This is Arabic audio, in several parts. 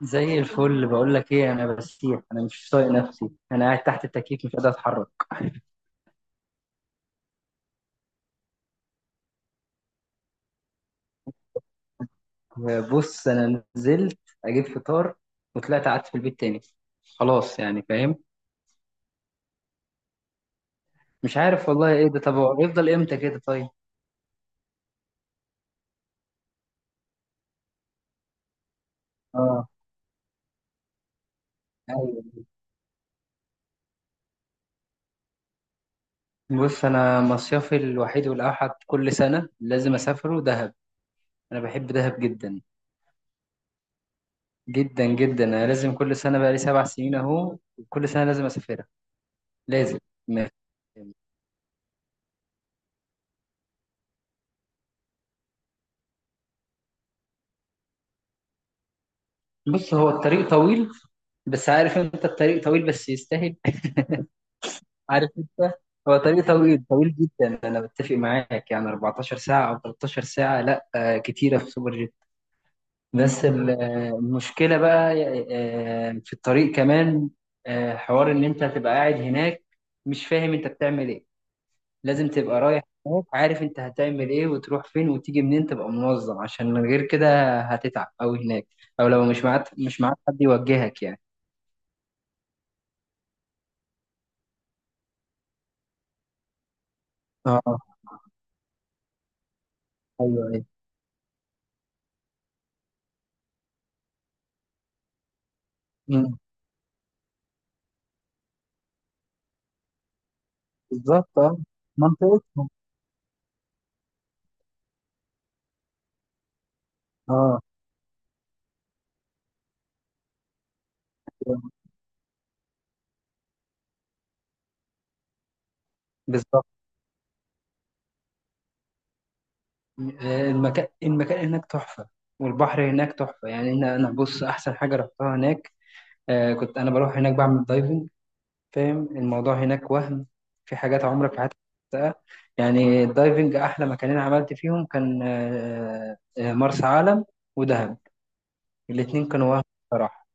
زي الفل، بقول لك ايه، انا بسيح. انا مش طايق نفسي. انا قاعد تحت التكييف مش قادر اتحرك. بص، انا نزلت اجيب فطار وطلعت قعدت في البيت تاني. خلاص، يعني فاهم. مش عارف والله ايه ده. طب هو يفضل امتى كده؟ طيب. اه. ايوه. بص، انا مصيفي الوحيد والاوحد كل سنه لازم اسافره دهب. انا بحب دهب جدا جدا. جدا انا لازم كل سنه بقى لي 7 سنين اهو، كل سنه لازم اسافرها. لازم. بص، هو الطريق طويل، بس عارف انت الطريق طويل بس يستاهل. عارف انت. هو طريق طويل طويل جدا، انا بتفق معاك. يعني 14 ساعة او 13 ساعة، لا كتيرة في سوبر جيت. بس المشكلة بقى في الطريق كمان. حوار ان انت هتبقى قاعد هناك مش فاهم انت بتعمل ايه. لازم تبقى رايح هناك عارف انت هتعمل ايه وتروح فين وتيجي منين، تبقى منظم عشان من غير كده هتتعب اوي هناك. او لو مش معاك حد يوجهك يعني. اه. ايوه ايوه. مم. بالظبط اه. منطقتهم. اه بالظبط. المكان المكان هناك تحفة والبحر هناك تحفة. يعني أنا بص أحسن حاجة رحتها هناك. آه، كنت أنا بروح هناك بعمل دايفنج. فاهم الموضوع هناك. وهم في حاجات عمرك في حياتك ما شفتها. يعني الدايفنج أحلى مكانين عملت فيهم كان مرسى علم ودهب. الاتنين كانوا وهم بصراحة.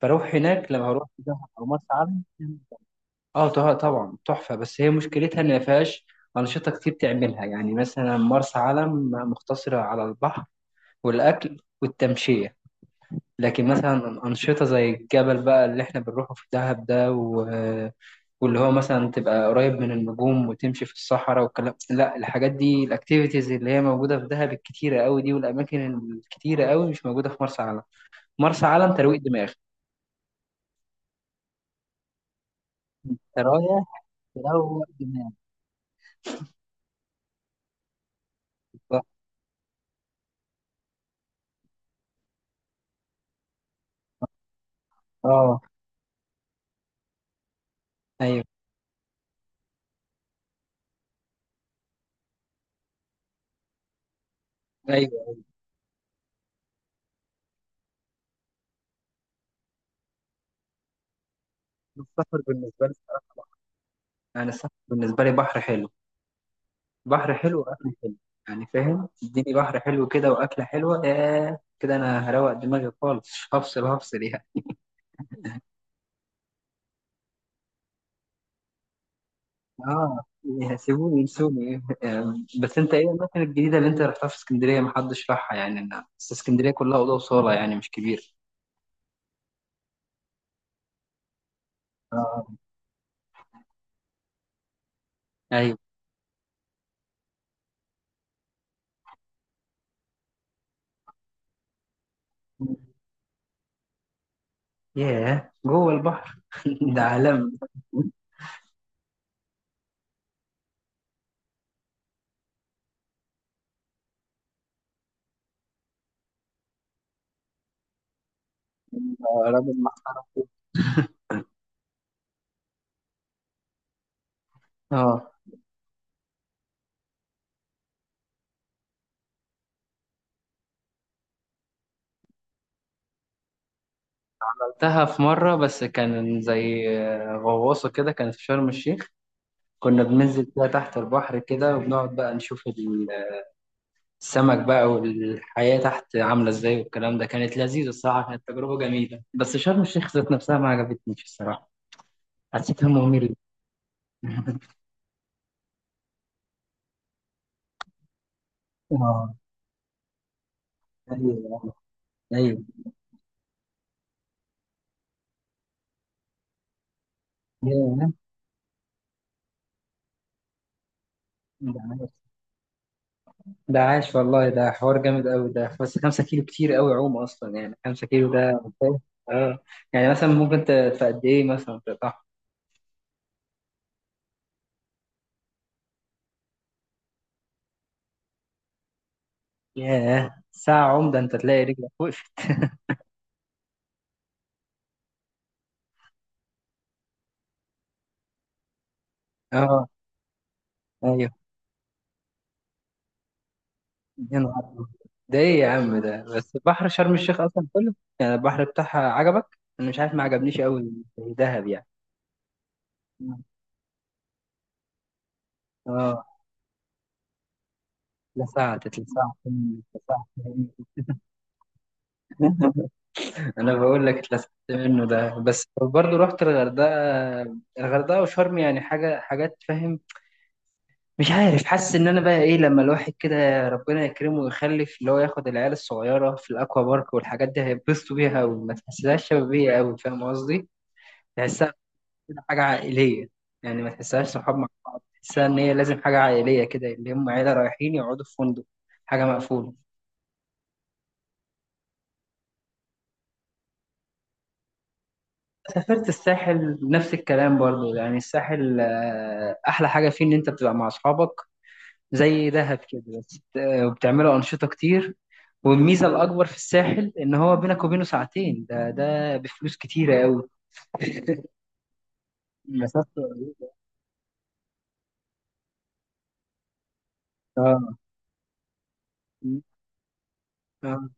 فأروح هناك لما أروح دهب أو مرسى علم. اه طبعا تحفه، بس هي مشكلتها ان ما فيهاش انشطه كتير تعملها. يعني مثلا مرسى علم مقتصره على البحر والاكل والتمشيه. لكن مثلا انشطه زي الجبل بقى اللي احنا بنروحه في دهب ده واللي هو مثلا تبقى قريب من النجوم وتمشي في الصحراء والكلام. لا، الحاجات دي، الاكتيفيتيز اللي هي موجوده في دهب الكتيره قوي دي والاماكن الكتيره قوي مش موجوده في مرسى علم. مرسى علم ترويق دماغ. انت رايح تروق دماغك. اه. ايوه ايوه. السفر بالنسبة لي، يعني السفر بالنسبة لي بحر حلو. بحر حلو وأكل حلو. يعني فاهم، اديني بحر حلو كده وأكلة حلوة ياه كده أنا هروق دماغي خالص. هفصل هفصل يعني. آه. سيبوني ينسوني يعني. بس أنت إيه الأماكن الجديدة اللي أنت رحتها في اسكندرية محدش راحها؟ يعني أنا بس اسكندرية كلها أوضة وصالة يعني مش كبير. آه. أيوه. ياه، جوه البحر. ده عالم. راجل محترم. رحتها في مرة بس كان زي غواصة كده كانت في شرم الشيخ. كنا بننزل فيها تحت البحر كده وبنقعد بقى نشوف السمك بقى والحياة تحت عاملة ازاي والكلام ده. كانت لذيذة الصراحة، كانت تجربة جميلة. بس شرم الشيخ ذات نفسها ما عجبتنيش الصراحة، حسيتها مملة. اه. ايوه ايوه. ياه، ده عاش. ده عاش والله، ده حوار جامد قوي ده. بس 5 كيلو كتير قوي عوم اصلا. يعني 5 كيلو ده اه. يعني مثلا ممكن في قد ايه مثلا؟ ياه ساعة عمدة، انت تلاقي رجلك وقفت. اه. ايوه. يا نهار أبيض. ده ايه يا عم ده؟ بس بحر شرم الشيخ اصلا كله، يعني البحر بتاعها عجبك؟ انا مش عارف ما عجبنيش قوي زي دهب يعني. اه. اتلسعت، اتلسعت منه، اتلسعت منه. انا بقول لك اتلسعت منه ده. بس برضه رحت الغردقة. الغردقة وشرم يعني حاجة، حاجات فاهم. مش عارف، حاسس ان انا بقى ايه لما الواحد كده ربنا يكرمه ويخلف، اللي هو ياخد العيال الصغيره في الاكوا بارك والحاجات دي هيتبسطوا بيها، وما تحسهاش شبابيه قوي فاهم قصدي. تحسها كده حاجه عائليه. يعني ما تحسهاش صحاب مع. تحسها ان هي لازم حاجه عائليه كده، اللي هم عيله رايحين يقعدوا في فندق، حاجه مقفوله. سافرت الساحل نفس الكلام برضو. يعني الساحل احلى حاجه فيه ان انت بتبقى مع اصحابك زي دهب كده. بس وبتعملوا انشطه كتير. والميزه الاكبر في الساحل ان هو بينك وبينه ساعتين، ده ده بفلوس كتيره قوي. مسافته قريبة. اه. م. آه.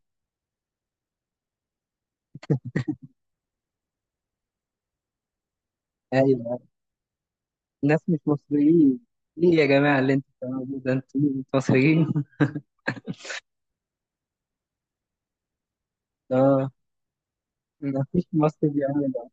ايوه. ناس مش مصريين، ايه يا جماعه اللي انتوا بتعملوه ده؟ انتوا، أنتوا مصريين. اه. م. ما فيش مصري بيعمل ده.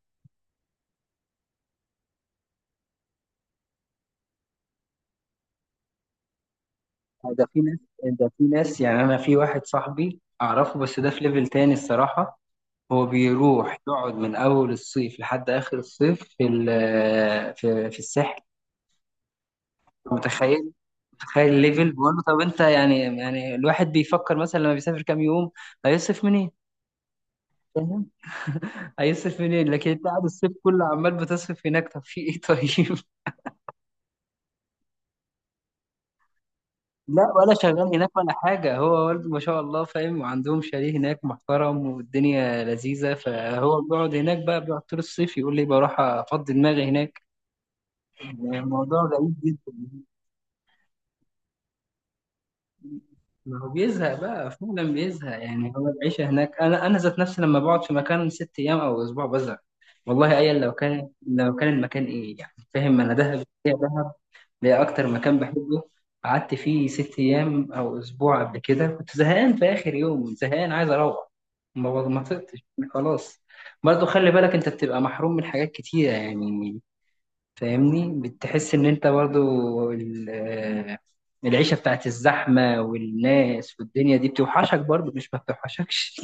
ده في ناس، ده في ناس يعني. انا في واحد صاحبي اعرفه بس ده في ليفل تاني الصراحه. هو بيروح يقعد من اول الصيف لحد اخر الصيف في في الساحل. متخيل؟ تخيل الليفل، بقول له طب انت يعني، يعني الواحد بيفكر مثلا لما بيسافر كام يوم هيصرف منين. فاهم. هيصرف منين؟ لكن انت قاعد الصيف كله عمال بتصرف هناك، طب في ايه طيب؟ لا ولا شغال هناك ولا حاجه. هو والده ما شاء الله فاهم، وعندهم شاليه هناك محترم والدنيا لذيذه، فهو بيقعد هناك بقى، بيقعد طول الصيف، يقول لي بروح افضي دماغي هناك. الموضوع غريب جدا. ما هو بيزهق بقى فعلا بيزهق. يعني هو العيشة هناك، أنا ذات نفسي لما بقعد في مكان 6 أيام أو أسبوع بزهق. والله أيا لو كان، لو كان المكان إيه يعني فاهم. أنا دهب ده أكتر مكان بحبه، قعدت فيه 6 أيام أو أسبوع قبل كده، كنت زهقان في آخر يوم، زهقان عايز أروح، ما طقتش. خلاص. برضه خلي بالك أنت بتبقى محروم من حاجات كتيرة يعني. فاهمني، بتحس ان انت برضو العيشة بتاعت الزحمة والناس والدنيا دي بتوحشك برضو، مش ما بتوحشكش.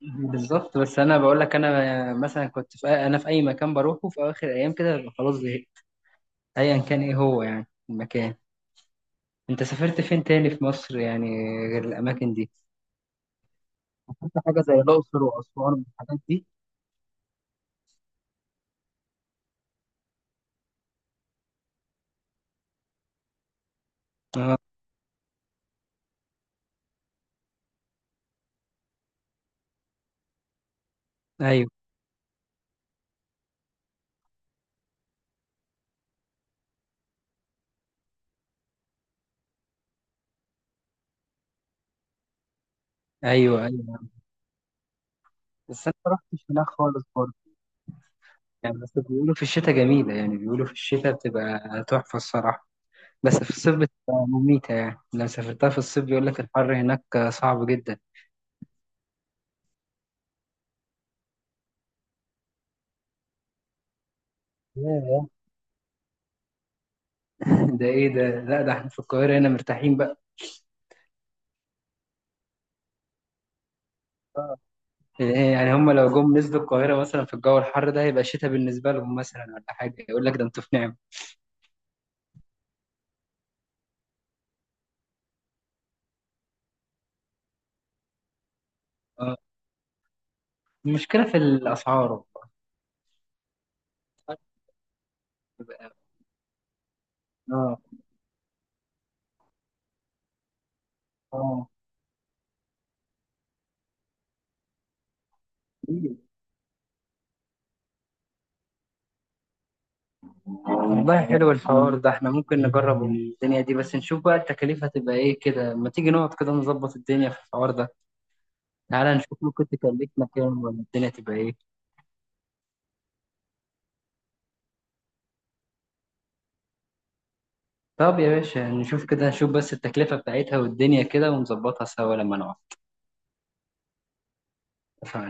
بالظبط. بس انا بقول لك انا مثلا كنت في اي مكان بروحه في اخر ايام كده ببقى خلاص زهقت، ايا كان ايه هو يعني المكان. انت سافرت فين تاني في مصر يعني، غير الاماكن دي؟ سافرت حاجه زي الاقصر واسوان والحاجات دي؟ اه. ايوه ايوه. ايوه. بس انا ما رحتش هناك خالص برضه يعني. بس بيقولوا في الشتاء جميلة. يعني بيقولوا في الشتاء بتبقى تحفة الصراحة، بس في الصيف بتبقى مميتة. يعني لو سافرتها في الصيف بيقول لك الحر هناك صعب جدا. ياه. ده ايه ده؟ لا ده احنا في القاهرة هنا مرتاحين بقى. آه. إيه يعني هم لو جم نزلوا القاهرة مثلا في الجو الحر ده هيبقى شتاء بالنسبة لهم مثلا ولا حاجة، يقول لك ده انتوا في نعمة. آه. المشكلة في الأسعار، الأسعار بتبقى- آه. آه. والله حلو الحوار ده. احنا ممكن نجرب الدنيا دي بس نشوف بقى التكاليف هتبقى ايه كده. ما تيجي نقعد كده نظبط الدنيا في الحوار ده. تعالى نشوف ممكن تكلفنا كام ولا الدنيا تبقى ايه. طب يا باشا نشوف كده، نشوف بس التكلفة بتاعتها والدنيا كده ونظبطها سوا لما نقعد.